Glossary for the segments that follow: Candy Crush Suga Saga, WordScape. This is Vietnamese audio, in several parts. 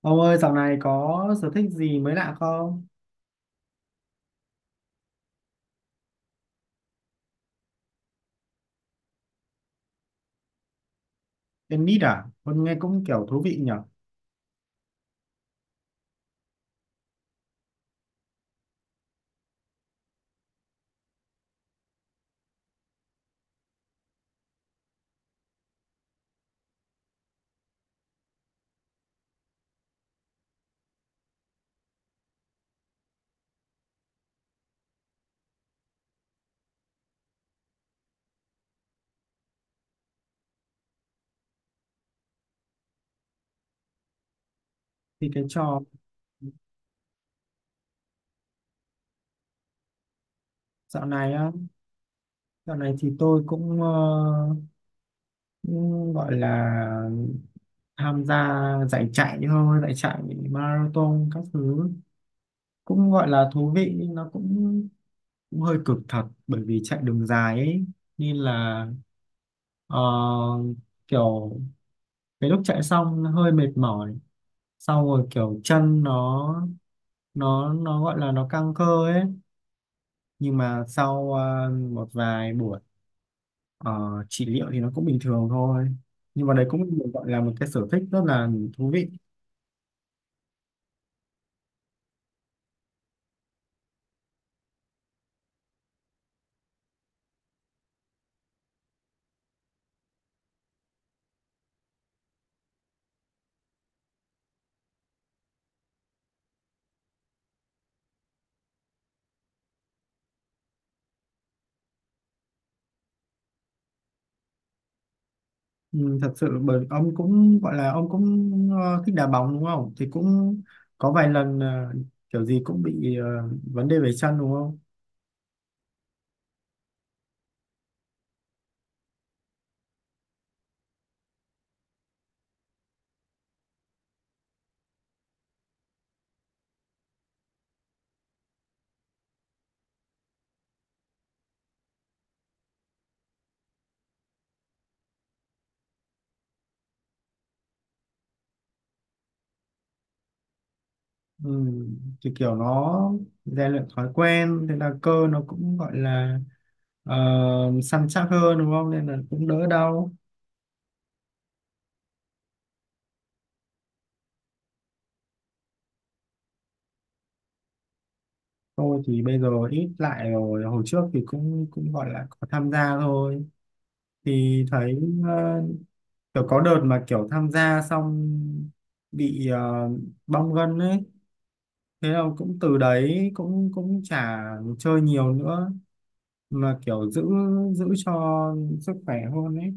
Ông ơi, dạo này có sở thích gì mới lạ không? Tennis à? Con nghe cũng kiểu thú vị nhở? Thì cái trò dạo này á, Dạo này thì tôi cũng, cũng gọi là tham gia giải chạy thôi, giải chạy marathon các thứ cũng gọi là thú vị nhưng nó cũng, cũng hơi cực thật bởi vì chạy đường dài ấy, nên là ờ, kiểu cái lúc chạy xong hơi mệt mỏi, sau rồi kiểu chân nó gọi là nó căng cơ ấy, nhưng mà sau một vài buổi ờ, trị liệu thì nó cũng bình thường thôi, nhưng mà đấy cũng được gọi là một cái sở thích rất là thú vị. Ừ, thật sự bởi ông cũng gọi là ông cũng thích đá bóng đúng không, thì cũng có vài lần kiểu gì cũng bị vấn đề về chân đúng không. Ừ, thì kiểu nó rèn luyện thói quen, thế là cơ nó cũng gọi là ờ, săn chắc hơn đúng không, nên là cũng đỡ đau. Tôi thì bây giờ ít lại rồi, hồi trước thì cũng cũng gọi là có tham gia thôi. Thì thấy ờ, kiểu có đợt mà kiểu tham gia xong bị bong gân ấy. Thế là cũng từ đấy cũng cũng chả chơi nhiều nữa, mà kiểu giữ giữ cho sức khỏe hơn ấy.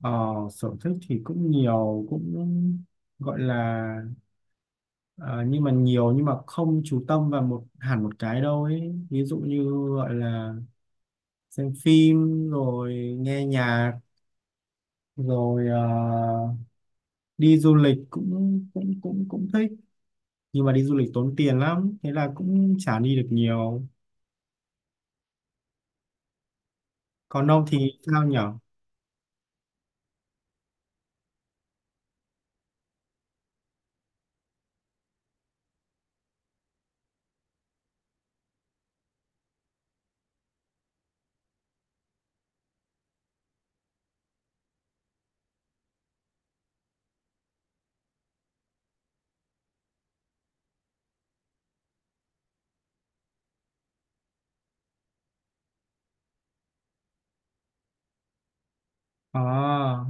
Ờ, sở thích thì cũng nhiều, cũng gọi là ờ, nhưng mà nhiều nhưng mà không chú tâm vào hẳn một cái đâu ấy. Ví dụ như gọi là xem phim rồi nghe nhạc rồi đi du lịch cũng cũng cũng cũng thích, nhưng mà đi du lịch tốn tiền lắm, thế là cũng chả đi được nhiều. Còn ông thì sao nhở? À,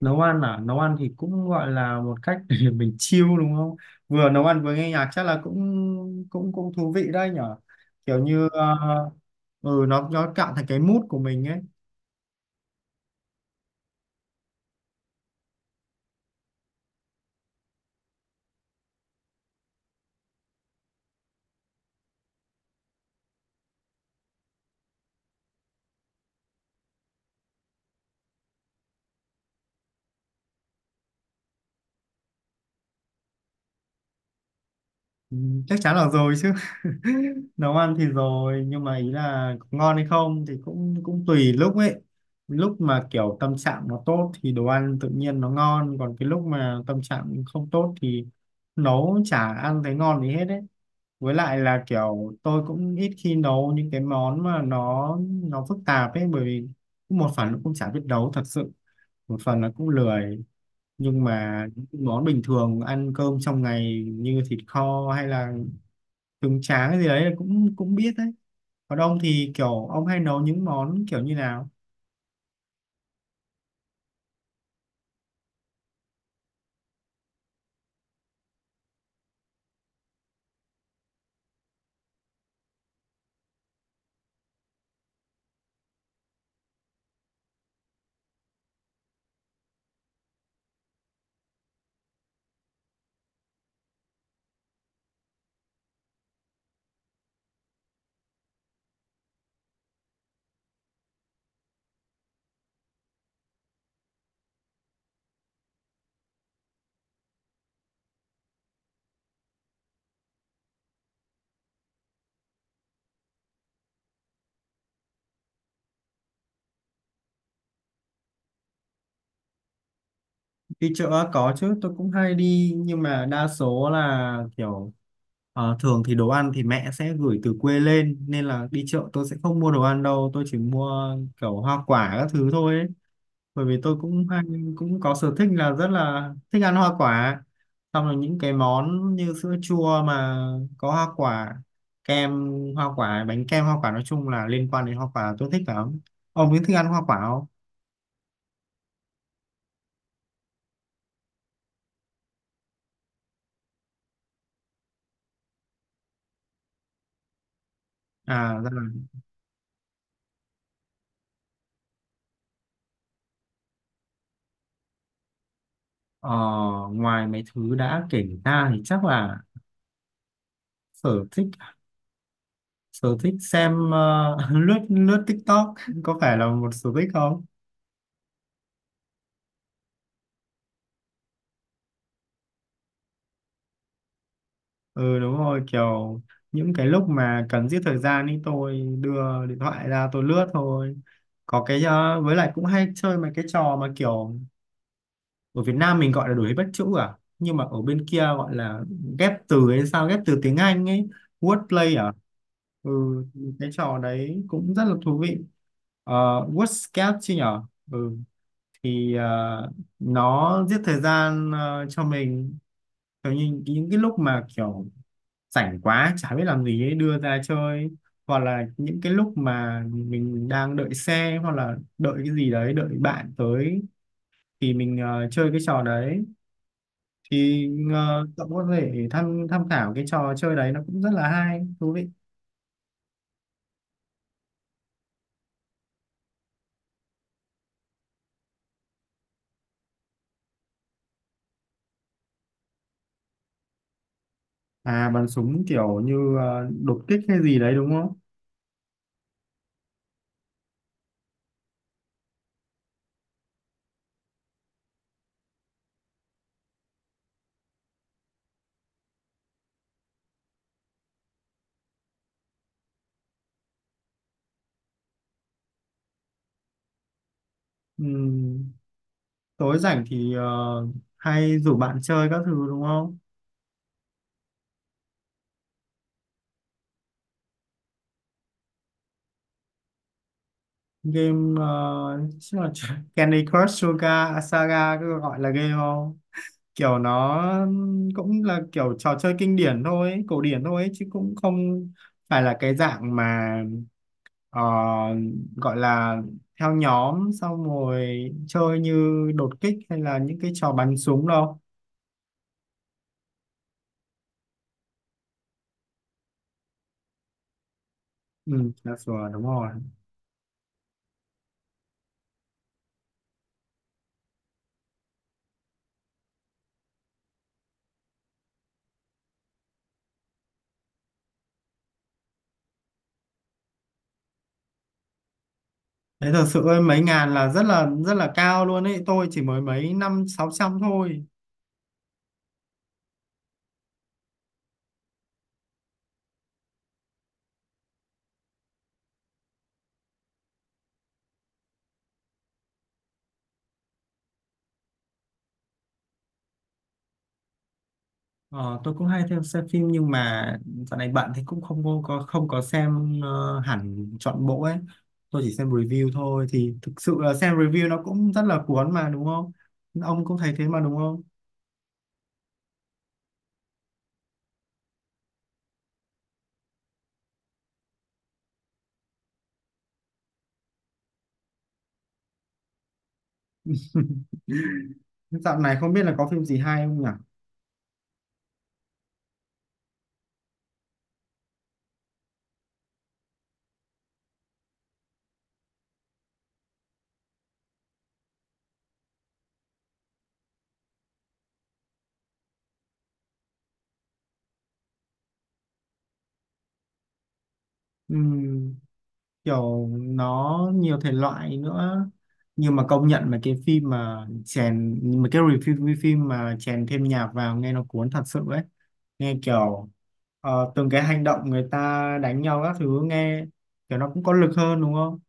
nấu ăn à, nấu ăn thì cũng gọi là một cách để mình chill đúng không, vừa nấu ăn vừa nghe nhạc chắc là cũng cũng cũng thú vị đấy nhở, kiểu như ừ nó cạn thành cái mood của mình ấy. Ừ, chắc chắn là rồi chứ. Nấu ăn thì rồi, nhưng mà ý là ngon hay không thì cũng cũng tùy lúc ấy. Lúc mà kiểu tâm trạng nó tốt thì đồ ăn tự nhiên nó ngon, còn cái lúc mà tâm trạng không tốt thì nấu chả ăn thấy ngon gì hết ấy. Với lại là kiểu tôi cũng ít khi nấu những cái món mà nó phức tạp ấy, bởi vì một phần nó cũng chả biết nấu thật sự, một phần nó cũng lười, nhưng mà những món bình thường ăn cơm trong ngày như thịt kho hay là trứng tráng gì đấy cũng cũng biết đấy. Còn ông thì kiểu ông hay nấu những món kiểu như nào? Đi chợ á, có chứ, tôi cũng hay đi, nhưng mà đa số là kiểu thường thì đồ ăn thì mẹ sẽ gửi từ quê lên, nên là đi chợ tôi sẽ không mua đồ ăn đâu, tôi chỉ mua kiểu hoa quả các thứ thôi ấy. Bởi vì tôi cũng hay cũng có sở thích là rất là thích ăn hoa quả, xong rồi những cái món như sữa chua mà có hoa quả, kem hoa quả, bánh kem hoa quả, nói chung là liên quan đến hoa quả tôi thích lắm. Ông có thích ăn hoa quả không? À ra là ờ, ngoài mấy thứ đã kể ra thì chắc là sở thích sở thích xem lướt lướt TikTok có phải là một sở thích không? Ừ đúng rồi, kiểu những cái lúc mà cần giết thời gian ấy tôi đưa điện thoại ra tôi lướt thôi, có cái với lại cũng hay chơi mấy cái trò mà kiểu ở Việt Nam mình gọi là đuổi bắt chữ à, nhưng mà ở bên kia gọi là ghép từ hay sao, ghép từ tiếng Anh ấy, wordplay à. Ừ, cái trò đấy cũng rất là thú vị. Ờ, WordScape chứ nhở. Ừ, thì nó giết thời gian cho mình, kiểu như những cái lúc mà kiểu rảnh quá chả biết làm gì ấy đưa ra chơi, hoặc là những cái lúc mà mình đang đợi xe hoặc là đợi cái gì đấy, đợi bạn tới thì mình chơi cái trò đấy. Thì cậu có thể tham tham khảo cái trò chơi đấy, nó cũng rất là hay, thú vị. À, bắn súng kiểu như đột kích hay gì đấy đúng không? Ừm, tối rảnh thì hay rủ bạn chơi các thứ đúng không? Game chắc là Candy Crush Suga Saga, cứ gọi là game không, kiểu nó cũng là kiểu trò chơi kinh điển thôi ấy, cổ điển thôi ấy, chứ cũng không phải là cái dạng mà ờ, gọi là theo nhóm xong rồi chơi như đột kích hay là những cái trò bắn súng đâu. Ừ là sủa đúng rồi. Thế thật sự ơi, mấy ngàn là rất là cao luôn ấy, tôi chỉ mới mấy năm sáu trăm thôi. Ờ, tôi cũng hay theo xem phim, nhưng mà dạo này bận thì cũng không có xem hẳn trọn bộ ấy. Tôi chỉ xem review thôi, thì thực sự là xem review nó cũng rất là cuốn mà đúng không? Ông cũng thấy thế mà đúng không? Dạo này không biết là có phim gì hay không nhỉ? Ừm, kiểu nó nhiều thể loại nữa, nhưng mà công nhận mà cái review phim mà chèn thêm nhạc vào nghe nó cuốn thật sự ấy, nghe kiểu từng cái hành động người ta đánh nhau các thứ nghe kiểu nó cũng có lực hơn đúng không?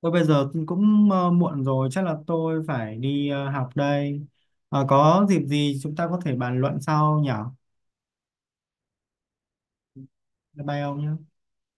Tôi bây giờ cũng muộn rồi, chắc là tôi phải đi học đây. Ờ, có dịp gì chúng ta có thể bàn luận sau nhỉ? Bye bye ông nhé.